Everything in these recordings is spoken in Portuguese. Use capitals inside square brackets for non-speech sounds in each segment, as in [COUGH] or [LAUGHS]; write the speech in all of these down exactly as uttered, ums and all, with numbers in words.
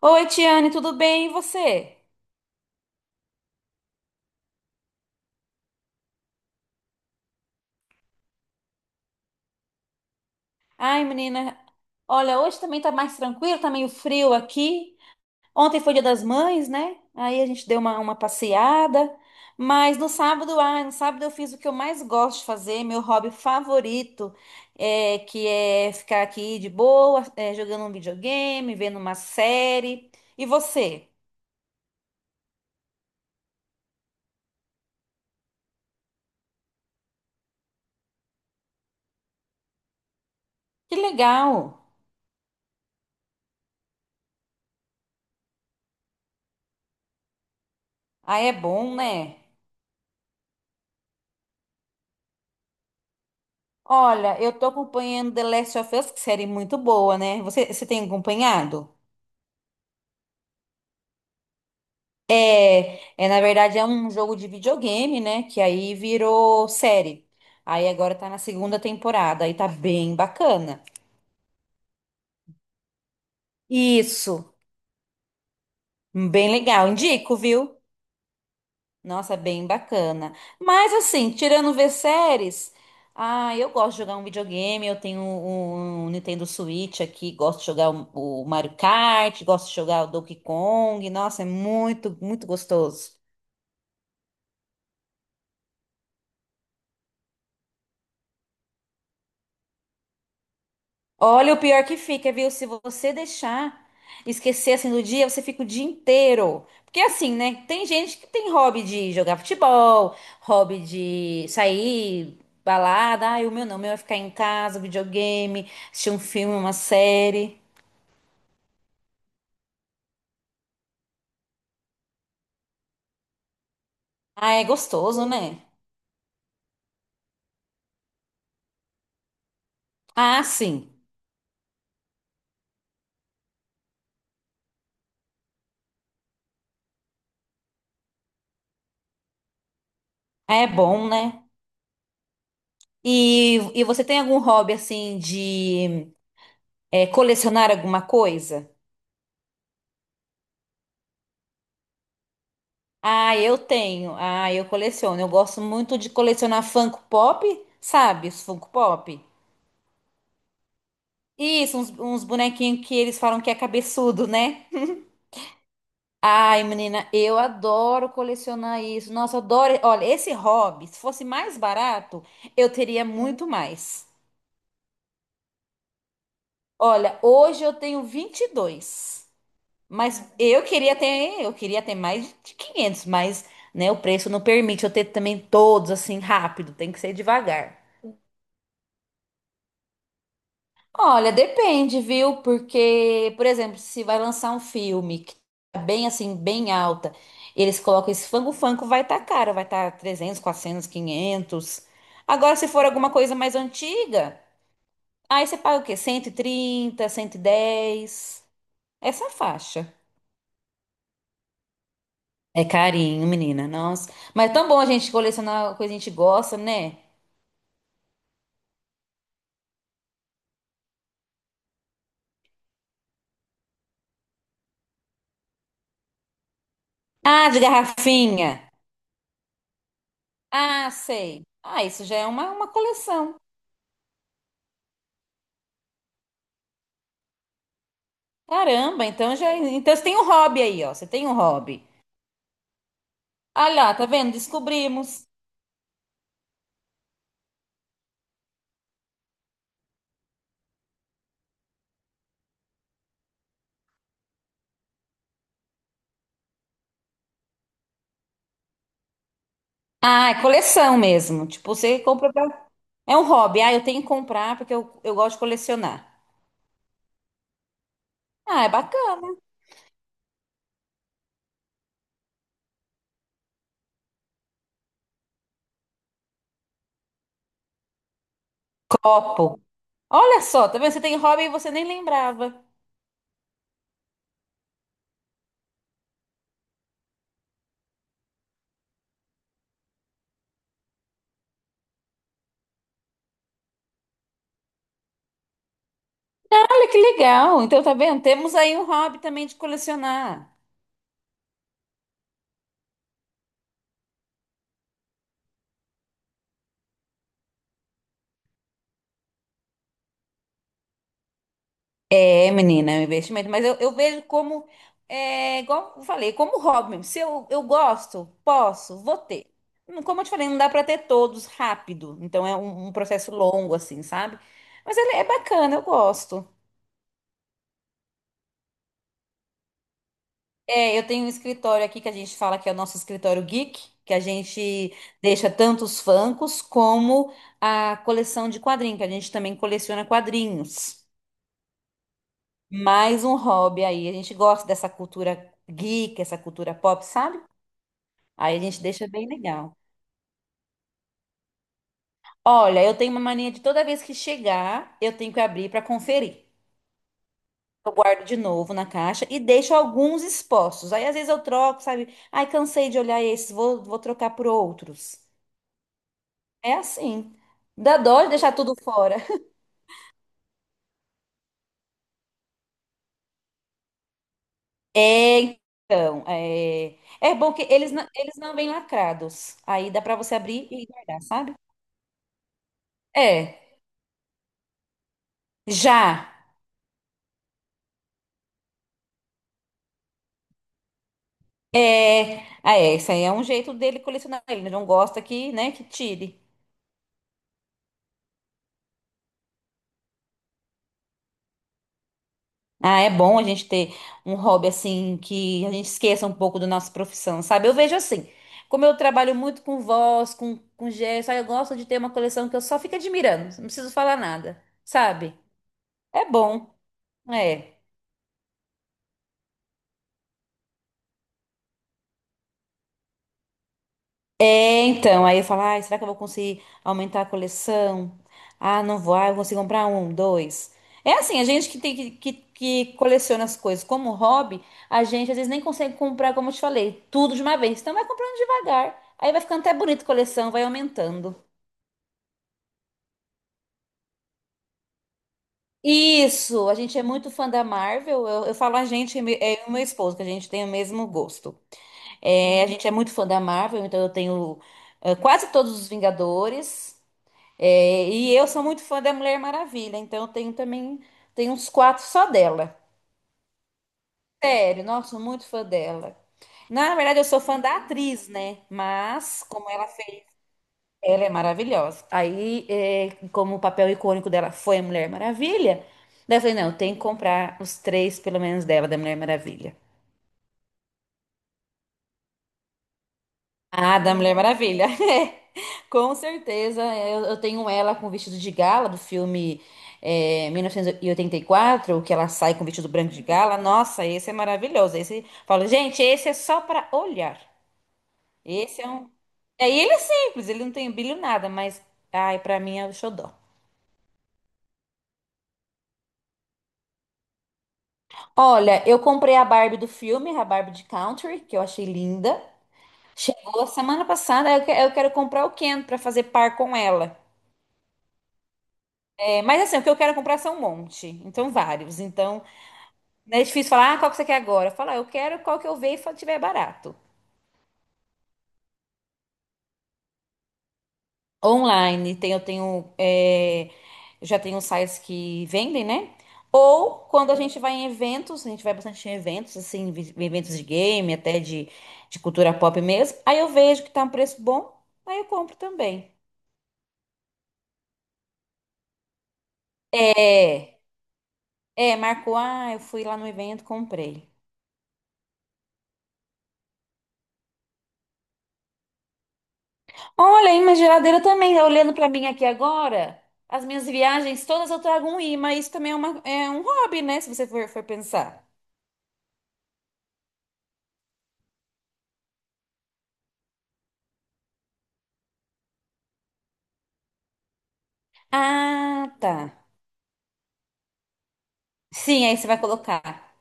Oi, Tiane, tudo bem? E você? Ai, menina, olha, hoje também tá mais tranquilo, tá meio frio aqui. Ontem foi Dia das Mães, né? Aí a gente deu uma, uma passeada. Mas no sábado, ai, no sábado eu fiz o que eu mais gosto de fazer, meu hobby favorito, é, que é ficar aqui de boa, é, jogando um videogame, vendo uma série. E você? Que legal! Aí é bom, né? Olha, eu tô acompanhando The Last of Us, que série muito boa, né? Você, você tem acompanhado? É, é, na verdade é um jogo de videogame, né? Que aí virou série. Aí agora tá na segunda temporada, aí tá bem bacana. Isso, bem legal. Indico, viu? Nossa, é bem bacana. Mas assim, tirando ver séries, ah, eu gosto de jogar um videogame, eu tenho um um Nintendo Switch aqui, gosto de jogar o o Mario Kart, gosto de jogar o Donkey Kong. Nossa, é muito, muito gostoso. Olha, o pior que fica, viu? Se você deixar esquecer assim do dia, você fica o dia inteiro. Porque assim, né? Tem gente que tem hobby de jogar futebol, hobby de sair, balada. Ai, o meu não, o meu é ficar em casa, videogame, assistir um filme, uma série. Ah, é gostoso, né? Ah, sim. É bom, né? E, e você tem algum hobby assim de é, colecionar alguma coisa? Ah, eu tenho. Ah, eu coleciono. Eu gosto muito de colecionar Funko Pop, sabe? Os Funko Pop. Isso, uns, uns bonequinhos que eles falam que é cabeçudo, né? Ai, menina, eu adoro colecionar isso. Nossa, eu adoro. Olha, esse hobby, se fosse mais barato, eu teria muito mais. Olha, hoje eu tenho vinte e dois. Mas eu queria ter, eu queria ter mais de quinhentos. Mas, né, o preço não permite eu ter também todos assim rápido, tem que ser devagar. Olha, depende, viu? Porque, por exemplo, se vai lançar um filme que tá bem assim, bem alta, eles colocam esse fango-fango, vai tá caro, vai tá trezentos, quatrocentos, quinhentos. Agora, se for alguma coisa mais antiga, aí você paga o quê? Cento cento e trinta, cento e dez? Essa faixa. É carinho, menina, nossa. Mas é tão bom a gente colecionar coisa que a gente gosta, né? Ah, de garrafinha. Ah, sei. Ah, isso já é uma, uma coleção. Caramba, então já. É, então você tem um hobby aí, ó. Você tem um hobby. Ah lá, tá vendo? Descobrimos. Ah, é coleção mesmo. Tipo, você compra pra... É um hobby. Ah, eu tenho que comprar porque eu, eu gosto de colecionar. Ah, é bacana. Copo. Olha só, tá vendo? Você tem hobby e você nem lembrava. Olha que legal. Então, tá vendo? Temos aí um hobby também de colecionar. É, menina, é um investimento, mas eu, eu vejo como, é, igual eu falei, como hobby mesmo. Se eu, eu gosto, posso, vou ter. Não- Como eu te falei, não dá pra ter todos rápido, então é um, um processo longo, assim, sabe? Mas ele é bacana, eu gosto. É, eu tenho um escritório aqui que a gente fala que é o nosso escritório geek, que a gente deixa tanto os Funkos como a coleção de quadrinhos, que a gente também coleciona quadrinhos. Mais um hobby aí, a gente gosta dessa cultura geek, essa cultura pop, sabe? Aí a gente deixa bem legal. Olha, eu tenho uma mania de toda vez que chegar, eu tenho que abrir para conferir. Eu guardo de novo na caixa e deixo alguns expostos. Aí às vezes eu troco, sabe? Ai, cansei de olhar esses, vou, vou trocar por outros. É assim. Dá dó de deixar tudo fora. [LAUGHS] É, então, é, é bom que eles não, eles não vêm lacrados. Aí dá para você abrir e guardar, sabe? É, já. É, ah, é, isso aí é um jeito dele colecionar. Ele não gosta que, né, que tire. Ah, é bom a gente ter um hobby assim que a gente esqueça um pouco da nossa profissão, sabe? Eu vejo assim, como eu trabalho muito com voz, com, com gesto, aí eu gosto de ter uma coleção que eu só fico admirando, não preciso falar nada, sabe? É bom, é. É, então, aí eu falo, ai, será que eu vou conseguir aumentar a coleção? Ah, não vou, ah, eu consigo comprar um, dois. É assim, a gente que tem que, que, que coleciona as coisas como hobby, a gente às vezes nem consegue comprar, como eu te falei, tudo de uma vez. Então vai comprando devagar. Aí vai ficando até bonito a coleção, vai aumentando. Isso, a gente é muito fã da Marvel. Eu, eu falo a gente, é eu e meu esposo, que a gente tem o mesmo gosto. É, a gente é muito fã da Marvel, então eu tenho eh, quase todos os Vingadores. É, e eu sou muito fã da Mulher Maravilha, então eu tenho também, tenho uns quatro só dela. Sério, nossa, sou muito fã dela. Na verdade, eu sou fã da atriz, né? Mas, como ela fez, ela é maravilhosa. Aí, é, como o papel icônico dela foi a Mulher Maravilha, daí eu falei, não, tem que comprar os três, pelo menos, dela, da Mulher Maravilha. Ah, da Mulher Maravilha. [LAUGHS] É, com certeza. Eu, eu tenho ela com o vestido de gala do filme é, mil novecentos e oitenta e quatro, que ela sai com o vestido branco de gala. Nossa, esse é maravilhoso. Esse, falo, gente, esse é só para olhar. Esse é um. É, e ele é simples, ele não tem brilho nada, mas, ai, pra mim é o xodó. Olha, eu comprei a Barbie do filme, a Barbie de Country, que eu achei linda. Chegou semana passada, eu que- eu quero comprar o Ken pra fazer par com ela. É, mas assim, o que eu quero é comprar são um monte, então vários. Então, não é difícil falar, ah, qual que você quer agora? Falar, eu quero qual que eu ver e fa- tiver barato. Online, tem, eu tenho, é, eu já tenho sites que vendem, né? Ou quando a gente vai em eventos, a gente vai bastante em eventos, assim, vi- eventos de game, até de, de cultura pop mesmo. Aí eu vejo que tá um preço bom, aí eu compro também. É, é, marcou, ah, eu fui lá no evento, comprei. Olha, aí minha geladeira também tá olhando pra mim aqui agora. As minhas viagens todas eu trago um imã. Isso também é, uma- é um hobby, né? Se você for, for pensar. Ah, tá. Sim, aí você vai colocar.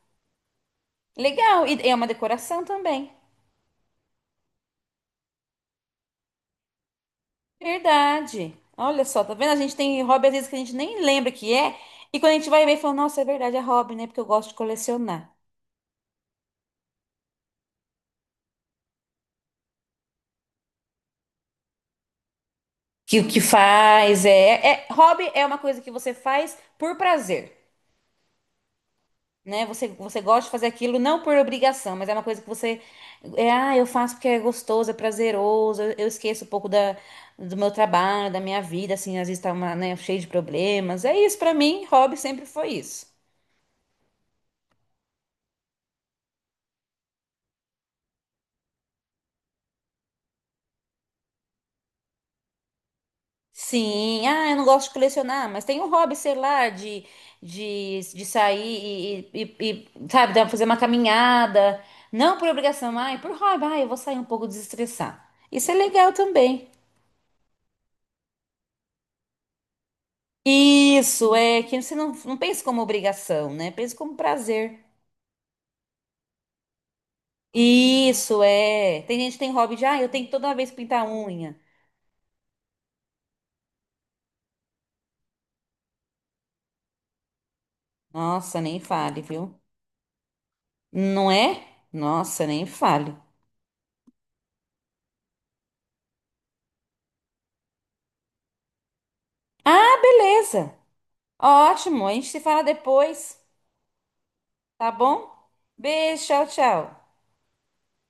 Legal. E é uma decoração também. Verdade. Olha só, tá vendo? A gente tem hobby às vezes que a gente nem lembra que é. E quando a gente vai ver, fala, nossa, é verdade, é hobby, né? Porque eu gosto de colecionar. Que o que faz é, é. Hobby é uma coisa que você faz por prazer. Né? Você, você gosta de fazer aquilo não por obrigação, mas é uma coisa que você, é, ah, eu faço porque é gostoso, é prazeroso, eu, eu esqueço um pouco da, do meu trabalho, da minha vida, assim, às vezes tá uma, né, cheio de problemas. É isso, pra mim, hobby sempre foi isso. Sim, ah, eu não gosto de colecionar, mas tem um hobby, sei lá, de, de, de sair e, e, e, sabe, dar- fazer uma caminhada, não por obrigação, ai, por hobby, ah, eu vou sair um pouco desestressar. Isso é legal também. Isso é que você não, não pensa como obrigação, né? Pensa como prazer. Isso é. Tem gente que tem hobby de, ah, eu tenho que toda vez pintar a unha. Nossa, nem fale, viu? Não é? Nossa, nem fale. Ah, beleza. Ótimo. A gente se fala depois, tá bom? Beijo, tchau, tchau.